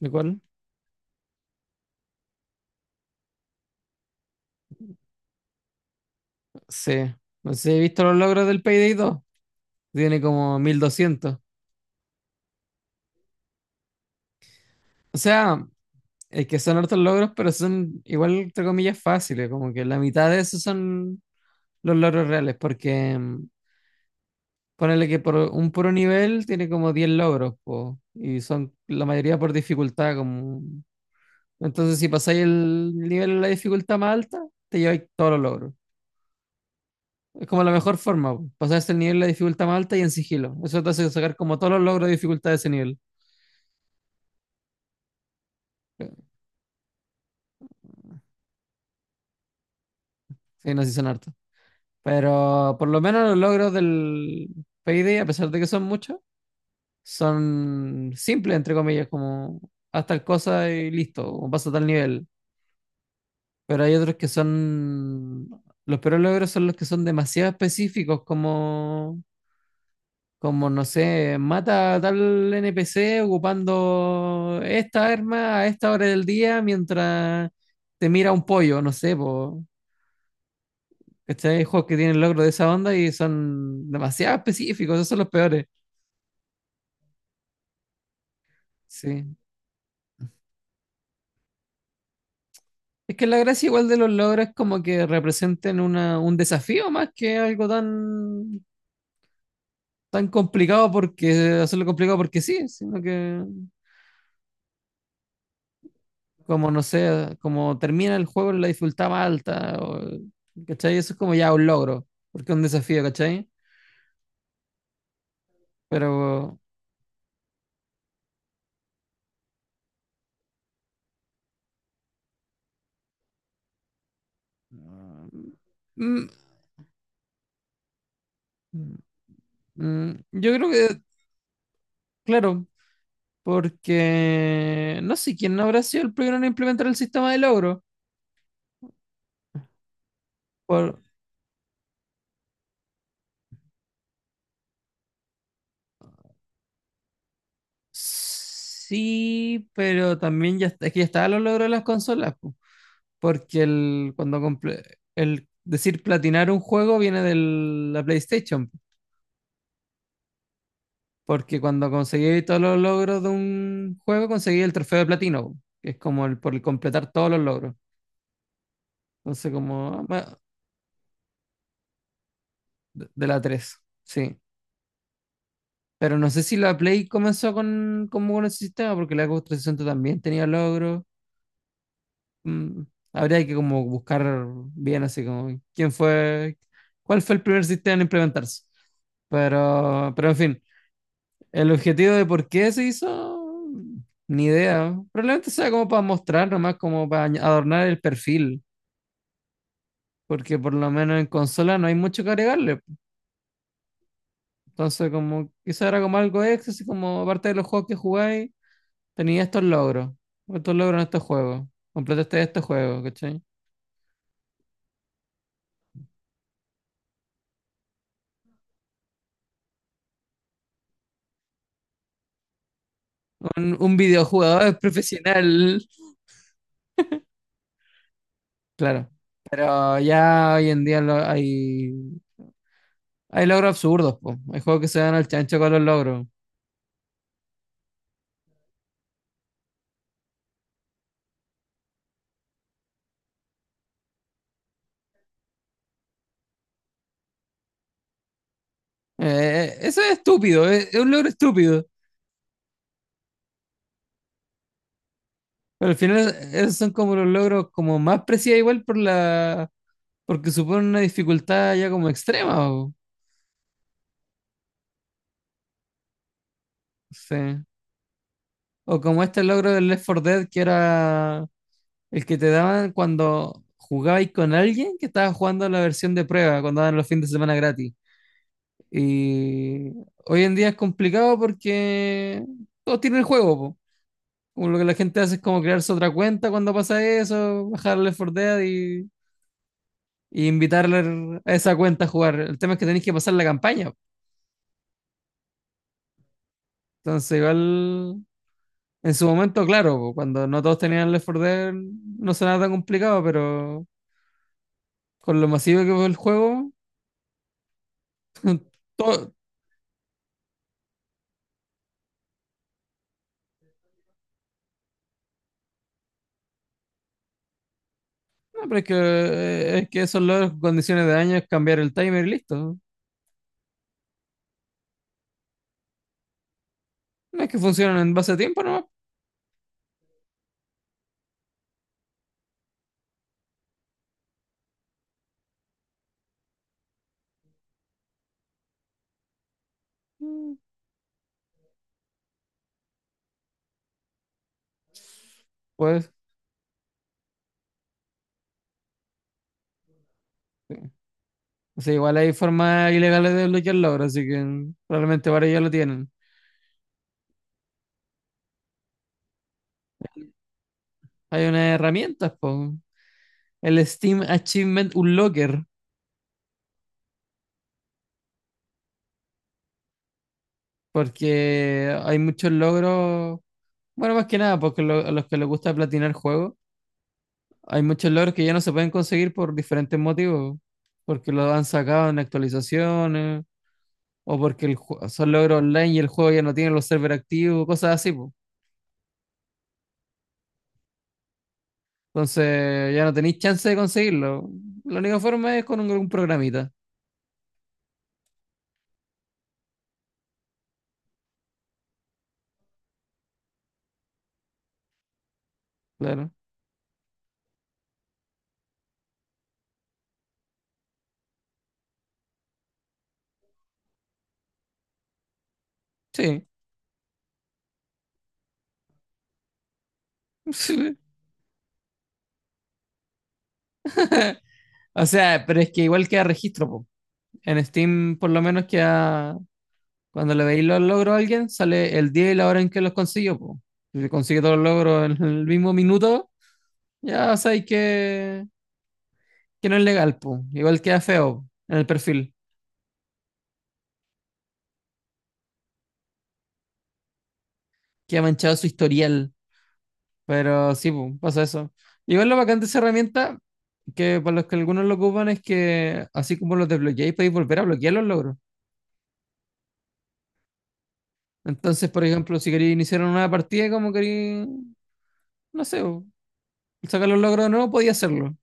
¿De cuál? Sí. No sé si he visto los logros del Payday 2. Tiene como 1.200. O sea, es que son hartos logros, pero son igual, entre comillas, fáciles. Como que la mitad de esos son los logros reales, porque ponele que por un puro nivel tiene como 10 logros, po, y son la mayoría por dificultad. Como... Entonces, si pasáis el nivel de la dificultad más alta, te lleváis todos los logros. Es como la mejor forma, po, pasarse el nivel de la dificultad más alta y en sigilo. Eso te hace sacar como todos los logros de dificultad de ese nivel. Sí, no, sí son hartos. Pero por lo menos los logros del Payday, a pesar de que son muchos, son simples, entre comillas, como haz tal cosa y listo, o pasa a tal nivel. Pero hay otros que son... Los peores logros son los que son demasiado específicos, como, como no sé, mata a tal NPC ocupando esta arma a esta hora del día mientras te mira un pollo, no sé, pues, ¿cachai? Hay juegos que tienen logros de esa onda y son demasiado específicos, esos son los peores. Sí. Es que la gracia igual de los logros es como que representen un desafío más que algo tan, tan complicado porque hacerlo complicado porque sí, sino que como no sé, como termina el juego en la dificultad más alta, o, ¿cachai? Eso es como ya un logro, porque es un desafío, ¿cachai? Pero mm, yo creo que, claro. Porque no sé quién no habrá sido el primero en implementar el sistema de logro. Por... Sí, pero también ya, es que ya estaban los logros de las consolas, po. Porque el, cuando el decir platinar un juego viene de la PlayStation, po. Porque cuando conseguí todos los logros de un juego, conseguí el trofeo de platino, po, que es como el por completar todos los logros. Entonces, como de la tres, sí. Pero no sé si la Play comenzó con, como con ese sistema, porque la Xbox 360 también tenía logros. Mm, habría que como buscar bien así como quién fue, cuál fue el primer sistema en implementarse. Pero en fin, el objetivo de por qué se hizo, ni idea. Probablemente sea como para mostrar, nomás como para adornar el perfil, porque por lo menos en consola no hay mucho que agregarle. Entonces, como quizá era como algo extra, así como aparte de los juegos que jugáis. Tenía estos logros en estos juegos. Completaste estos juegos, ¿cachai? Un videojugador profesional, claro. Pero ya hoy en día hay logros absurdos, po. Hay juegos que se dan al chancho con los logros. Eso es estúpido, es un logro estúpido. Pero al final esos son como los logros como más precisos igual por la, porque suponen una dificultad ya como extrema, o, sí. O como este logro del Left 4 Dead que era el que te daban cuando jugabais con alguien que estaba jugando la versión de prueba, cuando daban los fines de semana gratis. Y hoy en día es complicado porque todos tienen el juego, po. Como lo que la gente hace es como crearse otra cuenta cuando pasa eso, bajarle for Dead y invitarle a esa cuenta a jugar. El tema es que tenéis que pasar la campaña, po. Entonces, igual, en su momento, claro, po, cuando no todos tenían el Left 4 Dead, no sonaba tan complicado, pero con lo masivo que fue el juego, todo. No, pero es que eso es las condiciones de daño, es cambiar el timer y listo. No es que funcionan en base a tiempo nomás. Mm, Pues, o sea, igual hay formas ilegales de desbloquearlo logros así que probablemente ahora ya lo tienen. Hay unas herramientas, po. El Steam Achievement Unlocker, porque hay muchos logros, bueno, más que nada, porque a los que les gusta platinar juegos, hay muchos logros que ya no se pueden conseguir por diferentes motivos, porque los han sacado en actualizaciones o porque el son logros online y el juego ya no tiene los servers activos, cosas así, po. Entonces ya no tenéis chance de conseguirlo. La única forma es con un programita, claro. Sí. Sí. O sea, pero es que igual queda registro, po. En Steam, por lo menos queda, cuando le veis los logros a alguien, sale el día y la hora en que los consiguió, po. Si consigue todos los logros en el mismo minuto, ya sabéis que no es legal, po. Igual queda feo en el perfil. Queda manchado su historial. Pero sí, pu, pasa eso. Igual lo bacán de esa herramienta, que para los que algunos lo ocupan, es que así como los desbloqueáis, podéis volver a bloquear los logros. Entonces, por ejemplo, si queréis iniciar una nueva partida, como queréis, no sé, pu, sacar los logros de nuevo podía hacerlo.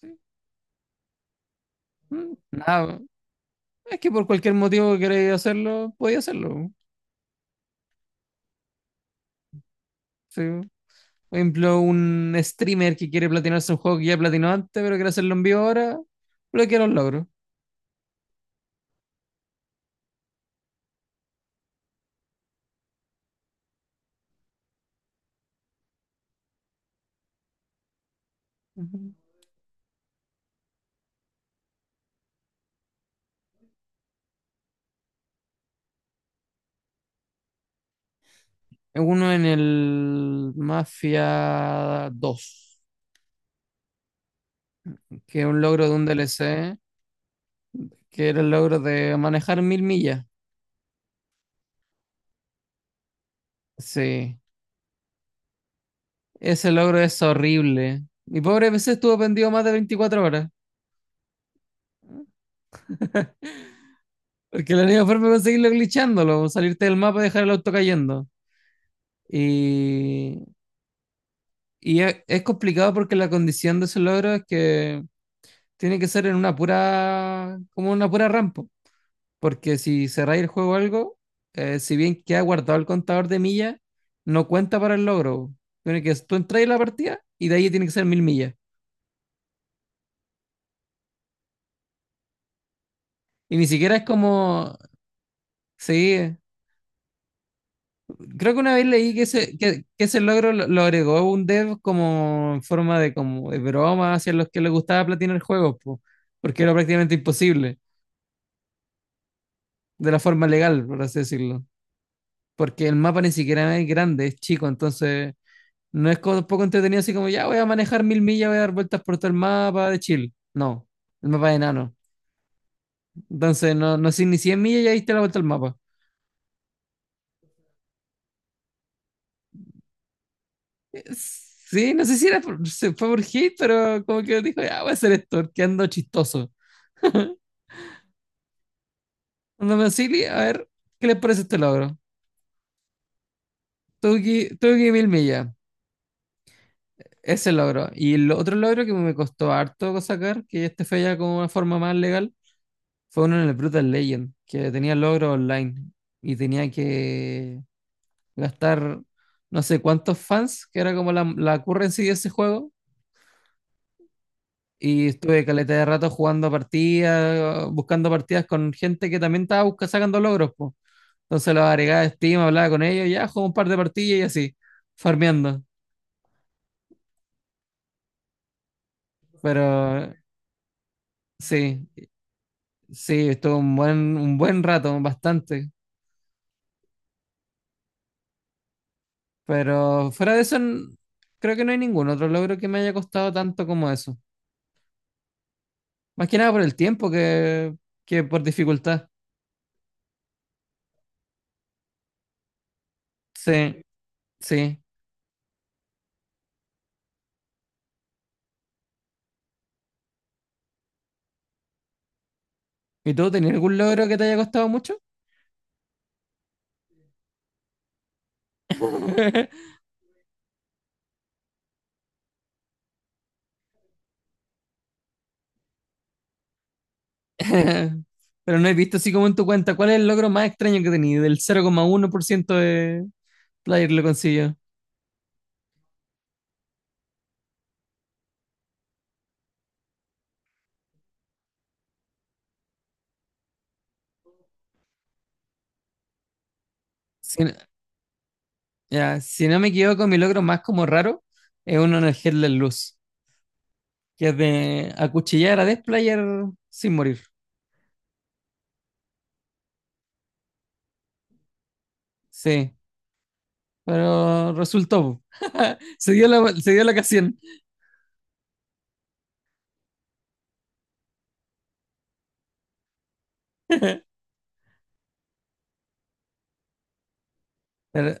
Sí. Nada, es que por cualquier motivo que queréis hacerlo, podía hacerlo, pu. Sí. Por ejemplo, un streamer que quiere platinarse un juego que ya platinó antes, pero quiere hacerlo en vivo ahora, bloquea los logros. Ujú. Uno en el Mafia 2 que es un logro de un DLC, que era el logro de manejar 1.000 millas. Sí, ese logro es horrible. Mi pobre PC estuvo pendido más de 24 horas, porque la única forma de conseguirlo es glitchándolo, salirte del mapa y dejar el auto cayendo. Y, y es complicado porque la condición de ese logro es que tiene que ser en una pura, como una pura rampa. Porque si cerráis el juego o algo, si bien queda guardado el contador de millas, no cuenta para el logro. Tiene que tú entras en la partida y de ahí tiene que ser 1.000 millas. Y ni siquiera es como. Sí, creo que una vez leí que ese, que ese logro lo agregó un dev como en forma de, como de broma hacia los que les gustaba platinar juegos, po, porque era prácticamente imposible, de la forma legal, por así decirlo. Porque el mapa ni siquiera es grande, es chico, entonces no es como tampoco entretenido así como, ya voy a manejar 1.000 millas, voy a dar vueltas por todo el mapa de Chile. No, el mapa es enano. Entonces, no, no sé ni 100 millas ya diste la vuelta al mapa. Sí, no sé si era se fue por hate, pero como que dijo, ya voy a hacer esto, que chistoso. Ando me auxili, a ver, ¿qué les parece este logro? Tuve que 1.000 millas, ese logro. Y el otro logro que me costó harto sacar, que este fue ya como una forma más legal, fue uno en el Brutal Legend, que tenía logro online y tenía que gastar no sé cuántos fans, que era como la currency de ese juego. Y estuve caleta de rato jugando partidas, buscando partidas con gente que también estaba sacando logros, po. Entonces los agregaba a Steam, hablaba con ellos, ya jugué un par de partidas y así, farmeando. Pero sí, sí, estuvo un buen rato, bastante. Pero fuera de eso, creo que no hay ningún otro logro que me haya costado tanto como eso. Más que nada por el tiempo que por dificultad. Sí, sí. ¿Y tú tenías algún logro que te haya costado mucho? Pero no he visto así como en tu cuenta. ¿Cuál es el logro más extraño que tenías? Del 0,1% de player lo consiguió. Si no, ya, si no me equivoco, mi logro más como raro es uno en el Headless Luz, que es de acuchillar a Death Player sin morir. Sí, pero resultó. Se dio la ocasión. Pero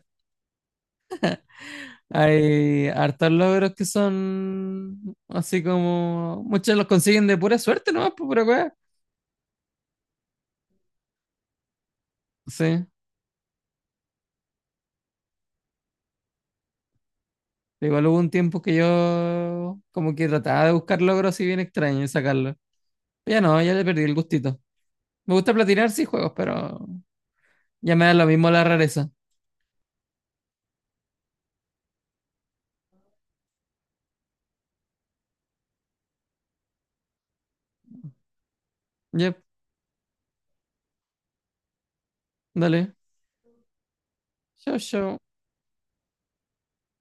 hay hartos logros que son así como. Muchos los consiguen de pura suerte, ¿no? Por pura weá. Sí, igual hubo un tiempo que yo como que trataba de buscar logros así bien extraños y sacarlos. Pero ya no, ya le perdí el gustito. Me gusta platinar, sí, juegos, pero ya me da lo mismo la rareza. Yep, dale. Chau, chau.